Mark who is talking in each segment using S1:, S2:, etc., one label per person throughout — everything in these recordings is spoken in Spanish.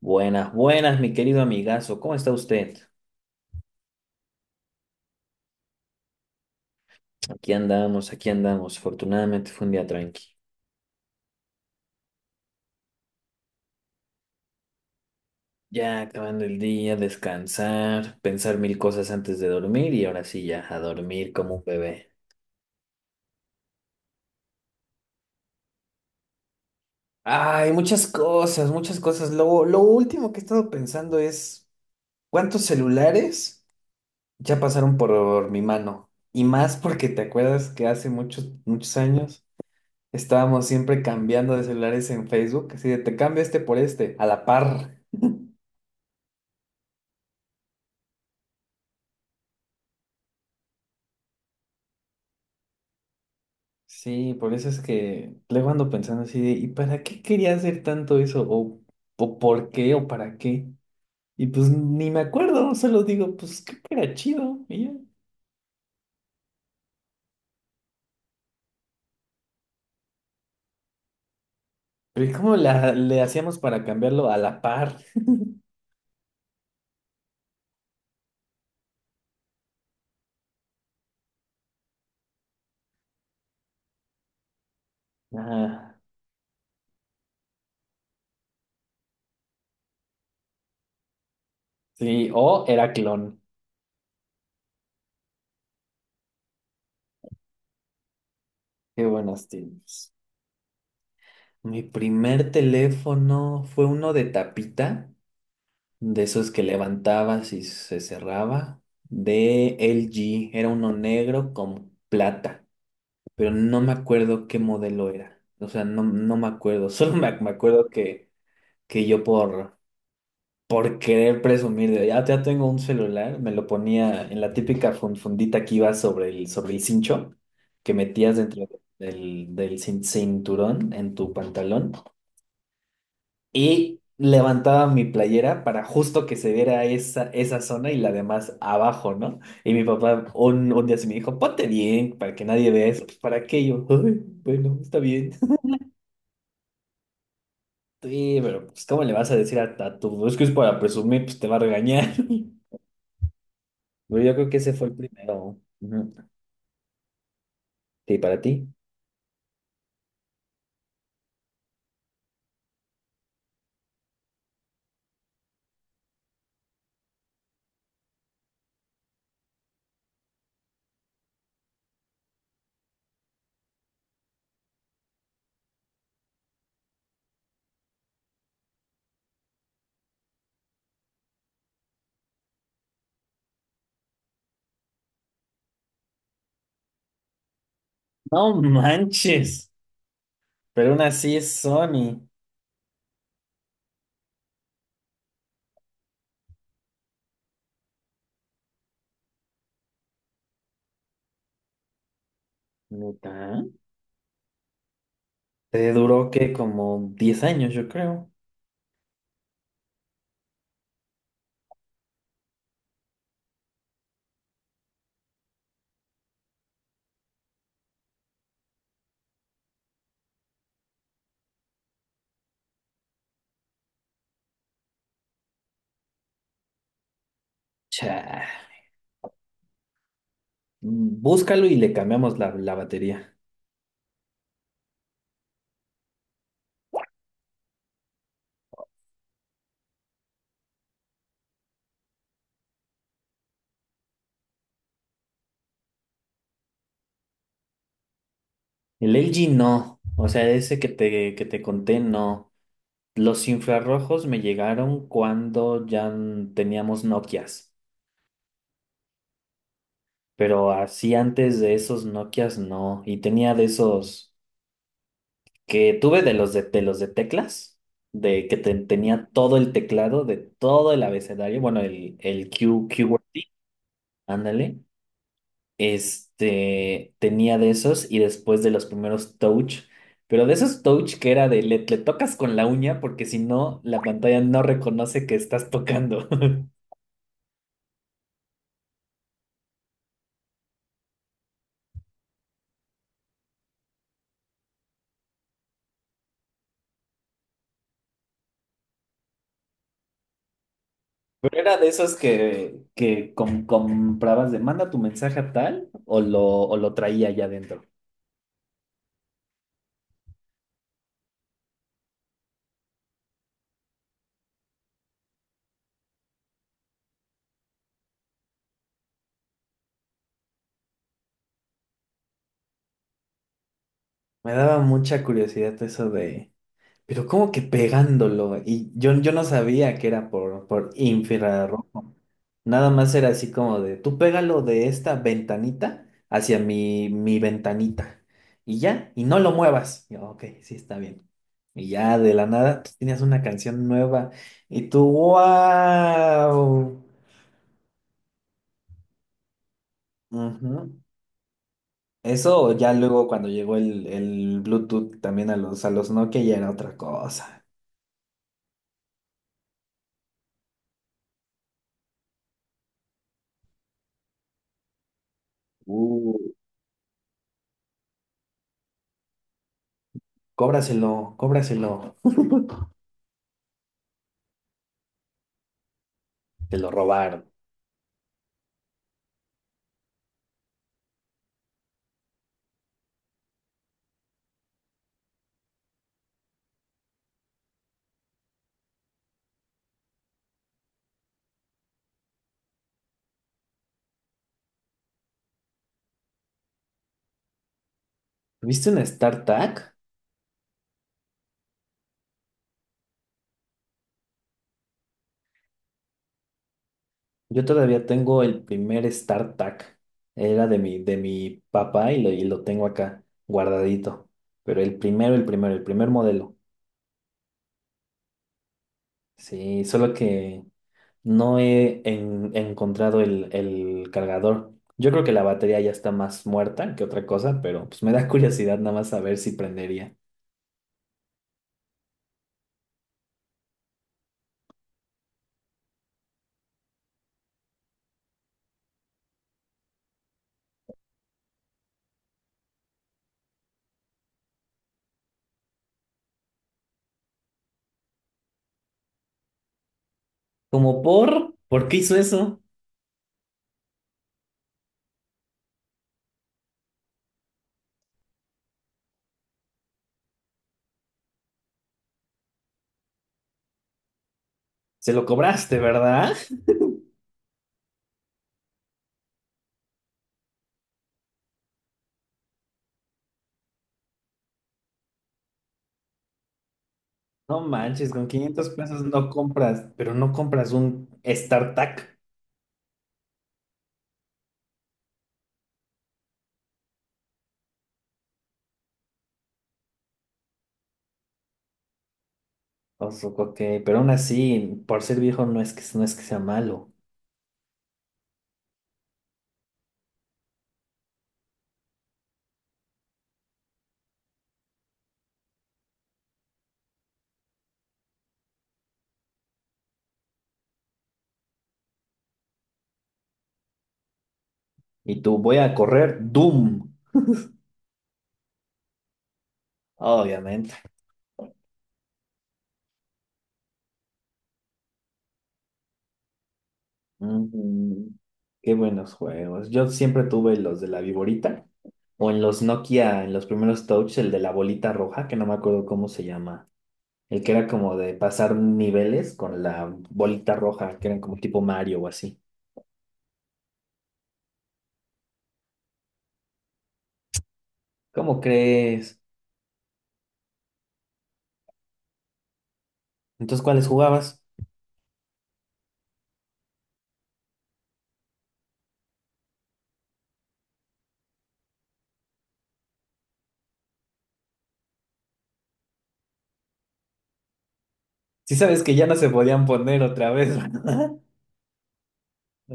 S1: Buenas, buenas, mi querido amigazo. ¿Cómo está usted? Aquí andamos, aquí andamos. Afortunadamente fue un día tranqui. Ya acabando el día, descansar, pensar mil cosas antes de dormir y ahora sí ya a dormir como un bebé. Ay, muchas cosas, muchas cosas. Lo último que he estado pensando es cuántos celulares ya pasaron por mi mano. Y más porque te acuerdas que hace muchos, muchos años estábamos siempre cambiando de celulares en Facebook, así de te cambio este por este, a la par. Sí, por eso es que luego ando pensando así de, ¿y para qué quería hacer tanto eso? ¿O por qué? ¿O para qué? Y pues ni me acuerdo, solo digo, pues creo que era chido. Y ya. Pero ¿cómo le hacíamos para cambiarlo a la par? Ah, sí, o era clon. Qué buenos tiempos. Mi primer teléfono fue uno de tapita, de esos que levantabas y se cerraba, de LG. Era uno negro con plata. Pero no me acuerdo qué modelo era. O sea, no, no me acuerdo. Solo me acuerdo que yo por querer presumir de ya tengo un celular, me lo ponía en la típica fundita que iba sobre el cincho, que metías dentro del cinturón en tu pantalón. Y levantaba mi playera para justo que se viera esa zona y la demás abajo, ¿no? Y mi papá un día se me dijo, ponte bien, para que nadie vea eso. Pues, ¿para qué? Y yo, "Ay, bueno, está bien. Sí, pero pues, ¿cómo le vas a decir a tu... Es que es para presumir, pues te va a regañar. Pero yo creo que ese fue el primero. Ujú. Sí, para ti. No manches. Pero aún así es Sony. ¿Neta? Te duró que como 10 años, yo creo. Cha. Búscalo y le cambiamos la batería. El LG no. O sea, ese que te conté, no. Los infrarrojos me llegaron cuando ya teníamos Nokias. Pero así antes de esos Nokias no. Y tenía de esos que tuve de los de los de teclas, de que tenía todo el teclado de todo el abecedario, bueno, el Q, ándale. Este, tenía de esos y después de los primeros Touch, pero de esos Touch que era de le tocas con la uña porque si no, la pantalla no reconoce que estás tocando. ¿Era de esos que comprabas de manda tu mensaje a tal o lo traía allá adentro? Me daba mucha curiosidad eso de, pero ¿cómo que pegándolo? Y yo no sabía que era por infrarrojo. Nada más era así como de, tú pégalo de esta ventanita hacia mi ventanita. Y ya, y no lo muevas. Y yo, ok, sí, está bien. Y ya de la nada, tú tenías una canción nueva. Y tú, wow. Eso ya luego cuando llegó el Bluetooth también a los Nokia ya era otra cosa. Uh, Cóbraselo, cóbraselo. Te lo robaron. ¿Viste un StarTAC? Yo todavía tengo el primer StarTAC. Era de mi papá y lo tengo acá guardadito. Pero el primero, el primero, el primer modelo. Sí, solo que no he encontrado el cargador. Yo creo que la batería ya está más muerta que otra cosa, pero pues me da curiosidad nada más saber si prendería. Como por? ¿Por qué hizo eso? Se lo cobraste, ¿verdad? No manches, con 500 pesos no compras, pero no compras un StarTAC. O sea, ok, pero aún así, por ser viejo no es que sea malo. Y tú, voy a correr Doom. Obviamente. Mm, Qué buenos juegos. Yo siempre tuve los de la viborita o en los Nokia, en los primeros Touch, el de la bolita roja, que no me acuerdo cómo se llama. El que era como de pasar niveles con la bolita roja, que eran como tipo Mario o así. ¿Cómo crees? Entonces, ¿cuáles jugabas? Sí sabes que ya no se podían poner otra vez, ¿verdad?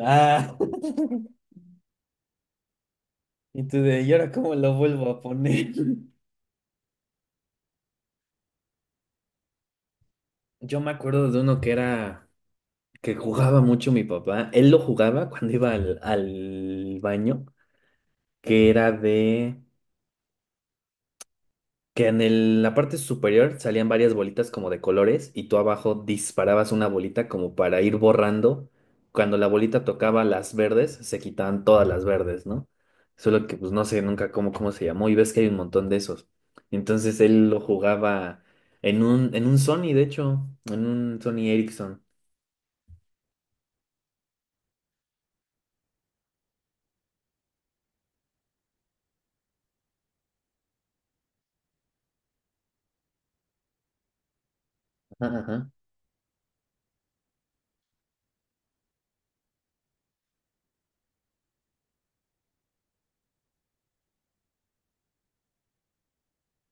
S1: Ah. ¿Y ahora cómo lo vuelvo a poner? Yo me acuerdo de uno que era que jugaba mucho mi papá. Él lo jugaba cuando iba al baño, que era de que en la parte superior salían varias bolitas como de colores y tú abajo disparabas una bolita como para ir borrando. Cuando la bolita tocaba las verdes, se quitaban todas las verdes, ¿no? Solo que pues no sé nunca cómo se llamó y ves que hay un montón de esos. Entonces él lo jugaba en un Sony, de hecho, en un Sony Ericsson. Ajá, ajá.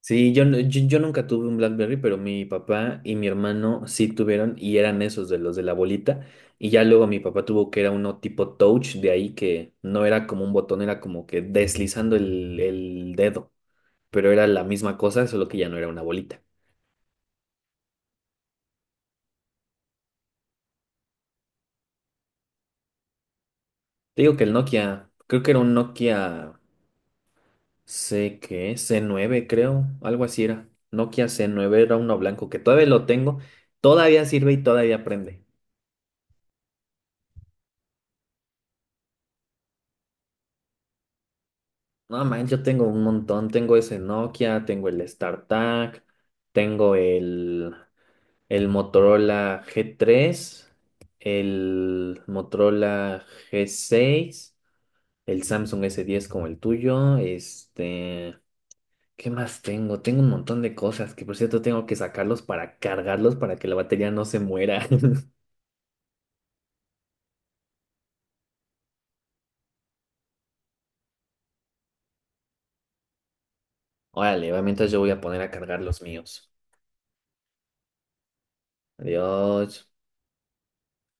S1: Sí, yo, no- yo nunca tuve un BlackBerry, pero mi papá y mi hermano sí tuvieron y eran esos de los de la bolita. Y ya luego mi papá tuvo que era uno tipo touch, de ahí que no era como un botón, era como que deslizando el dedo, pero era la misma cosa, solo que ya no era una bolita. Te digo que el Nokia, creo que era un Nokia C, ¿qué? C9, creo, algo así era. Nokia C9 era uno blanco que todavía lo tengo, todavía sirve y todavía prende. No, man, yo tengo un montón. Tengo ese Nokia, tengo el StarTAC, tengo el Motorola G3, el Motorola G6, el Samsung S10 como el tuyo. Este, ¿qué más tengo? Tengo un montón de cosas que, por cierto, tengo que sacarlos para cargarlos para que la batería no se muera. Órale, va, mientras yo voy a poner a cargar los míos. Adiós.